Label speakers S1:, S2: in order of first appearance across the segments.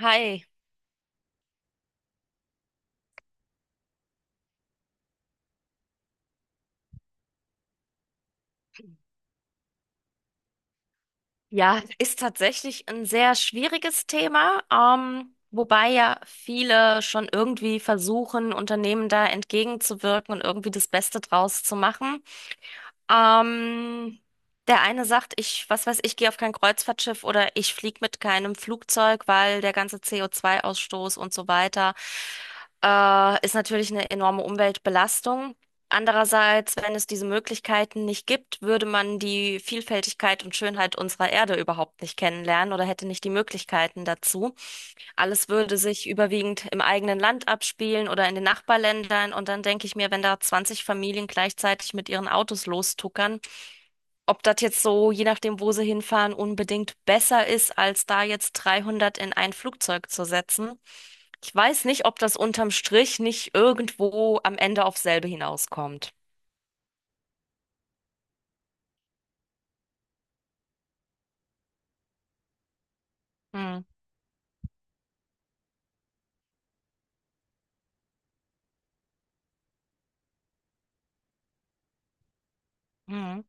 S1: Hi. Ja, ist tatsächlich ein sehr schwieriges Thema, wobei ja viele schon irgendwie versuchen, Unternehmen da entgegenzuwirken und irgendwie das Beste draus zu machen. Ähm, Der eine sagt, ich, was weiß ich, gehe auf kein Kreuzfahrtschiff oder ich fliege mit keinem Flugzeug, weil der ganze CO2-Ausstoß und so weiter ist natürlich eine enorme Umweltbelastung. Andererseits, wenn es diese Möglichkeiten nicht gibt, würde man die Vielfältigkeit und Schönheit unserer Erde überhaupt nicht kennenlernen oder hätte nicht die Möglichkeiten dazu. Alles würde sich überwiegend im eigenen Land abspielen oder in den Nachbarländern. Und dann denke ich mir, wenn da 20 Familien gleichzeitig mit ihren Autos lostuckern, ob das jetzt so, je nachdem, wo sie hinfahren, unbedingt besser ist, als da jetzt 300 in ein Flugzeug zu setzen. Ich weiß nicht, ob das unterm Strich nicht irgendwo am Ende auf selbe hinauskommt. Hm, hm,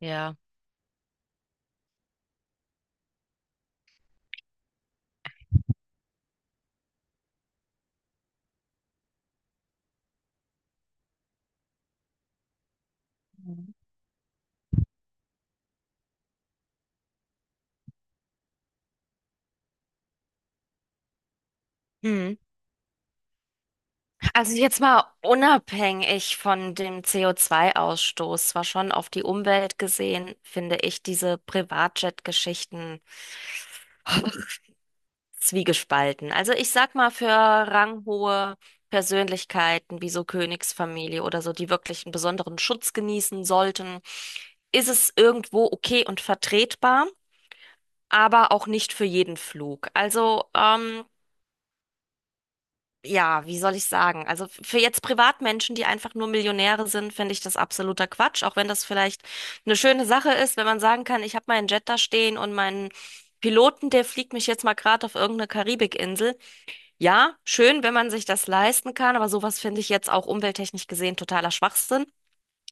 S1: ja. Hm. Also jetzt mal unabhängig von dem CO2-Ausstoß, zwar schon auf die Umwelt gesehen, finde ich diese Privatjet-Geschichten zwiegespalten. Also ich sag mal für ranghohe Persönlichkeiten wie so Königsfamilie oder so, die wirklich einen besonderen Schutz genießen sollten, ist es irgendwo okay und vertretbar, aber auch nicht für jeden Flug. Also ja, wie soll ich sagen? Also für jetzt Privatmenschen, die einfach nur Millionäre sind, finde ich das absoluter Quatsch, auch wenn das vielleicht eine schöne Sache ist, wenn man sagen kann, ich habe meinen Jet da stehen und meinen Piloten, der fliegt mich jetzt mal gerade auf irgendeine Karibikinsel. Ja, schön, wenn man sich das leisten kann, aber sowas finde ich jetzt auch umwelttechnisch gesehen totaler Schwachsinn.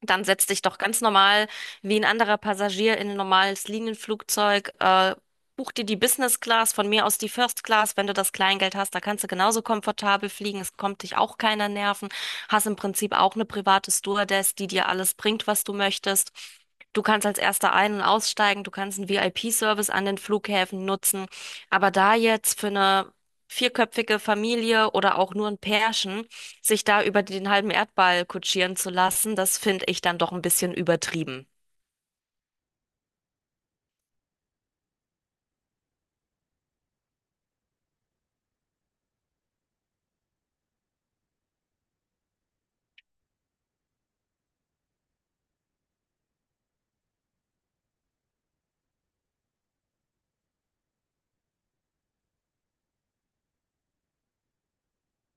S1: Dann setz dich doch ganz normal wie ein anderer Passagier in ein normales Linienflugzeug. Buch dir die Business Class, von mir aus die First Class, wenn du das Kleingeld hast. Da kannst du genauso komfortabel fliegen. Es kommt dich auch keiner nerven. Hast im Prinzip auch eine private Stewardess, die dir alles bringt, was du möchtest. Du kannst als Erster ein- und aussteigen. Du kannst einen VIP-Service an den Flughäfen nutzen. Aber da jetzt für eine vierköpfige Familie oder auch nur ein Pärchen, sich da über den halben Erdball kutschieren zu lassen, das finde ich dann doch ein bisschen übertrieben.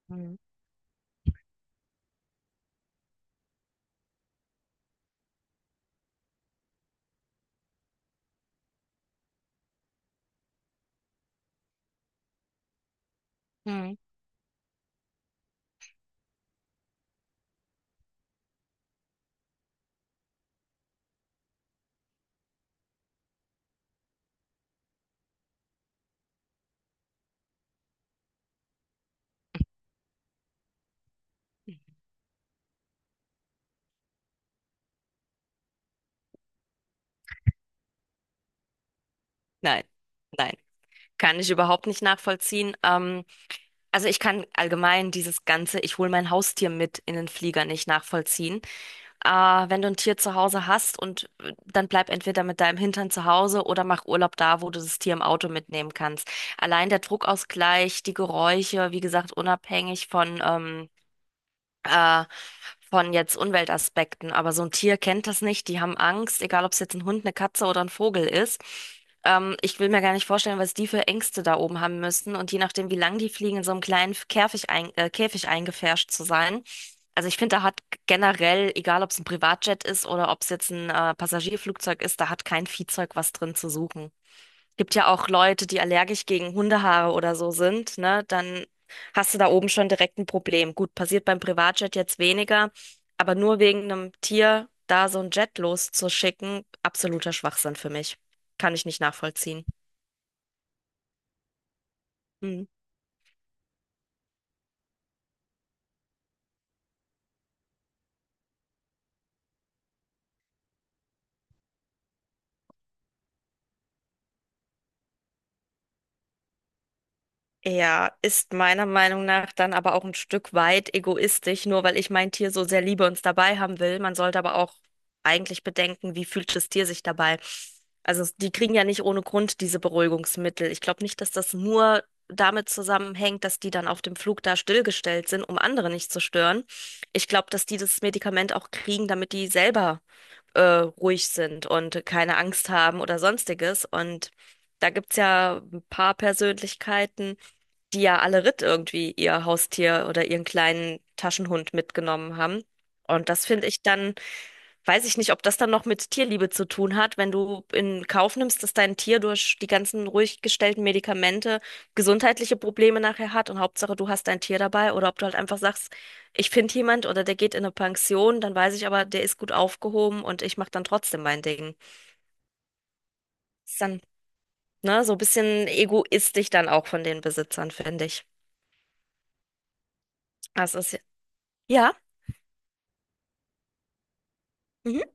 S1: Mhm. Mhm. Nein, nein, kann ich überhaupt nicht nachvollziehen. Also ich kann allgemein dieses ganze, ich hole mein Haustier mit in den Flieger nicht nachvollziehen. Äh, Wenn du ein Tier zu Hause hast und dann bleib entweder mit deinem Hintern zu Hause oder mach Urlaub da, wo du das Tier im Auto mitnehmen kannst. Allein der Druckausgleich, die Geräusche, wie gesagt, unabhängig äh, von jetzt Umweltaspekten. Aber so ein Tier kennt das nicht. Die haben Angst, egal ob es jetzt ein Hund, eine Katze oder ein Vogel ist. Ich will mir gar nicht vorstellen, was die für Ängste da oben haben müssen. Und je nachdem, wie lang die fliegen, in so einem kleinen Käfig, Käfig eingepfercht zu sein. Also ich finde, da hat generell, egal ob es ein Privatjet ist oder ob es jetzt ein Passagierflugzeug ist, da hat kein Viehzeug was drin zu suchen. Gibt ja auch Leute, die allergisch gegen Hundehaare oder so sind, ne? Dann hast du da oben schon direkt ein Problem. Gut, passiert beim Privatjet jetzt weniger, aber nur wegen einem Tier da so ein Jet loszuschicken, absoluter Schwachsinn für mich. Kann ich nicht nachvollziehen. Mhm. Ja, ist meiner Meinung nach dann aber auch ein Stück weit egoistisch, nur weil ich mein Tier so sehr liebe und es dabei haben will. Man sollte aber auch eigentlich bedenken, wie fühlt das Tier sich dabei. Also die kriegen ja nicht ohne Grund diese Beruhigungsmittel. Ich glaube nicht, dass das nur damit zusammenhängt, dass die dann auf dem Flug da stillgestellt sind, um andere nicht zu stören. Ich glaube, dass die das Medikament auch kriegen, damit die selber ruhig sind und keine Angst haben oder sonstiges. Und da gibt's ja ein paar Persönlichkeiten, die ja alle Ritt irgendwie ihr Haustier oder ihren kleinen Taschenhund mitgenommen haben. Und das finde ich dann. Weiß ich nicht, ob das dann noch mit Tierliebe zu tun hat, wenn du in Kauf nimmst, dass dein Tier durch die ganzen ruhig gestellten Medikamente gesundheitliche Probleme nachher hat und Hauptsache du hast dein Tier dabei oder ob du halt einfach sagst, ich finde jemand oder der geht in eine Pension, dann weiß ich aber, der ist gut aufgehoben und ich mache dann trotzdem mein Ding. Ist dann, ne, so ein bisschen egoistisch dann auch von den Besitzern, finde ich. Das ist ja. Ja. Mhm.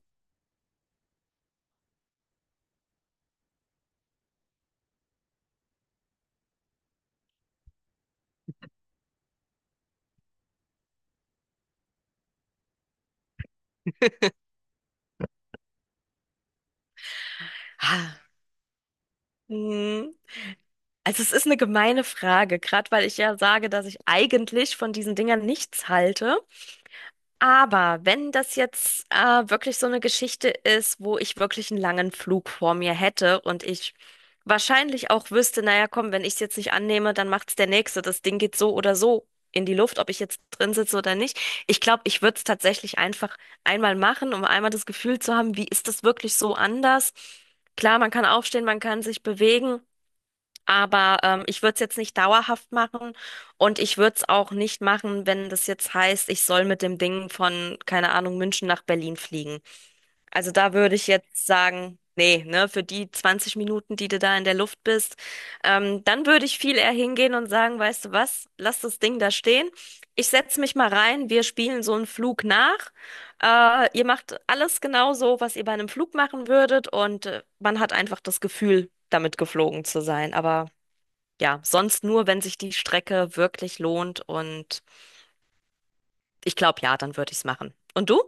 S1: Ah. Mhm. Also es ist eine gemeine Frage, gerade weil ich ja sage, dass ich eigentlich von diesen Dingern nichts halte. Aber wenn das jetzt wirklich so eine Geschichte ist, wo ich wirklich einen langen Flug vor mir hätte und ich wahrscheinlich auch wüsste, naja, komm, wenn ich es jetzt nicht annehme, dann macht's der Nächste. Das Ding geht so oder so in die Luft, ob ich jetzt drin sitze oder nicht. Ich glaube, ich würde es tatsächlich einfach einmal machen, um einmal das Gefühl zu haben, wie ist das wirklich so anders? Klar, man kann aufstehen, man kann sich bewegen. Aber ich würde es jetzt nicht dauerhaft machen und ich würde es auch nicht machen, wenn das jetzt heißt, ich soll mit dem Ding von, keine Ahnung, München nach Berlin fliegen. Also da würde ich jetzt sagen, nee, ne, für die 20 Minuten, die du da in der Luft bist, dann würde ich viel eher hingehen und sagen, weißt du was, lass das Ding da stehen. Ich setze mich mal rein, wir spielen so einen Flug nach. Ihr macht alles genau so, was ihr bei einem Flug machen würdet und man hat einfach das Gefühl, damit geflogen zu sein. Aber ja, sonst nur, wenn sich die Strecke wirklich lohnt und ich glaube, ja, dann würde ich es machen. Und du?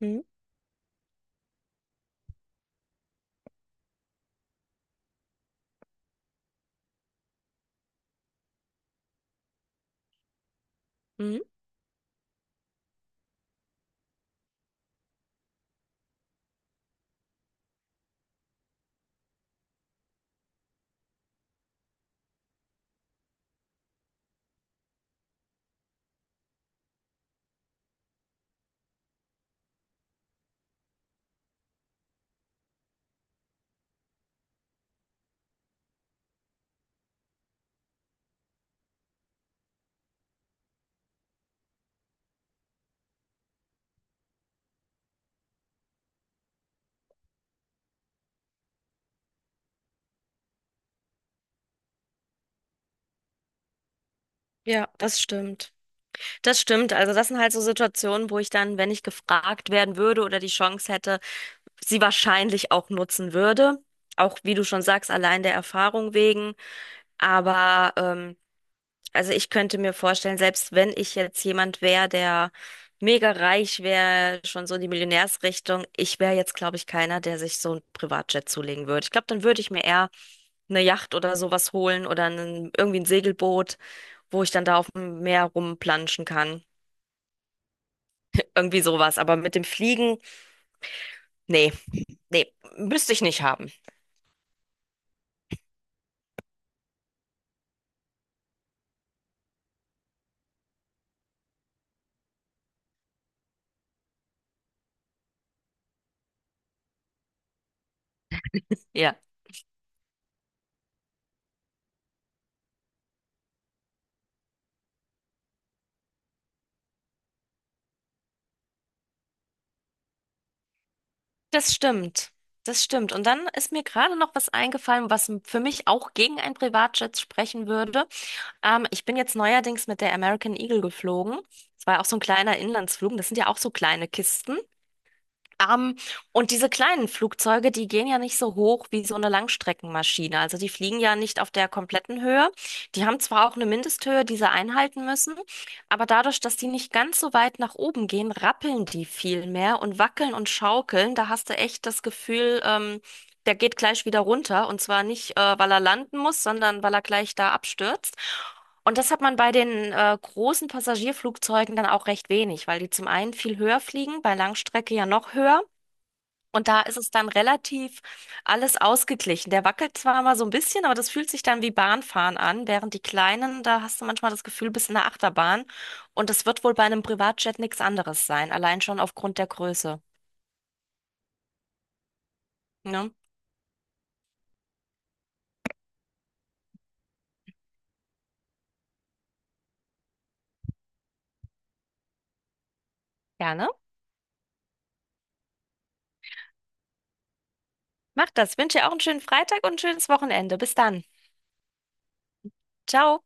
S1: Mhm. Mhm. Ja, das stimmt. Das stimmt. Also das sind halt so Situationen, wo ich dann, wenn ich gefragt werden würde oder die Chance hätte, sie wahrscheinlich auch nutzen würde. Auch wie du schon sagst, allein der Erfahrung wegen. Aber also ich könnte mir vorstellen, selbst wenn ich jetzt jemand wäre, der mega reich wäre, schon so in die Millionärsrichtung, ich wäre jetzt, glaube ich, keiner, der sich so ein Privatjet zulegen würde. Ich glaube, dann würde ich mir eher eine Yacht oder sowas holen oder irgendwie ein Segelboot, wo ich dann da auf dem Meer rumplanschen kann. Irgendwie sowas. Aber mit dem Fliegen, nee, nee, müsste ich nicht haben. Ja. Das stimmt. Das stimmt. Und dann ist mir gerade noch was eingefallen, was für mich auch gegen einen Privatjet sprechen würde. Ich bin jetzt neuerdings mit der American Eagle geflogen. Das war ja auch so ein kleiner Inlandsflug. Das sind ja auch so kleine Kisten. Ähm, und diese kleinen Flugzeuge, die gehen ja nicht so hoch wie so eine Langstreckenmaschine. Also die fliegen ja nicht auf der kompletten Höhe. Die haben zwar auch eine Mindesthöhe, die sie einhalten müssen, aber dadurch, dass die nicht ganz so weit nach oben gehen, rappeln die viel mehr und wackeln und schaukeln. Da hast du echt das Gefühl, der geht gleich wieder runter. Und zwar nicht, weil er landen muss, sondern weil er gleich da abstürzt. Und das hat man bei den großen Passagierflugzeugen dann auch recht wenig, weil die zum einen viel höher fliegen, bei Langstrecke ja noch höher. Und da ist es dann relativ alles ausgeglichen. Der wackelt zwar mal so ein bisschen, aber das fühlt sich dann wie Bahnfahren an, während die kleinen, da hast du manchmal das Gefühl, bist in der Achterbahn. Und das wird wohl bei einem Privatjet nichts anderes sein, allein schon aufgrund der Größe. Ne? Gerne. Mach das. Wünsche dir auch einen schönen Freitag und ein schönes Wochenende. Bis dann. Ciao.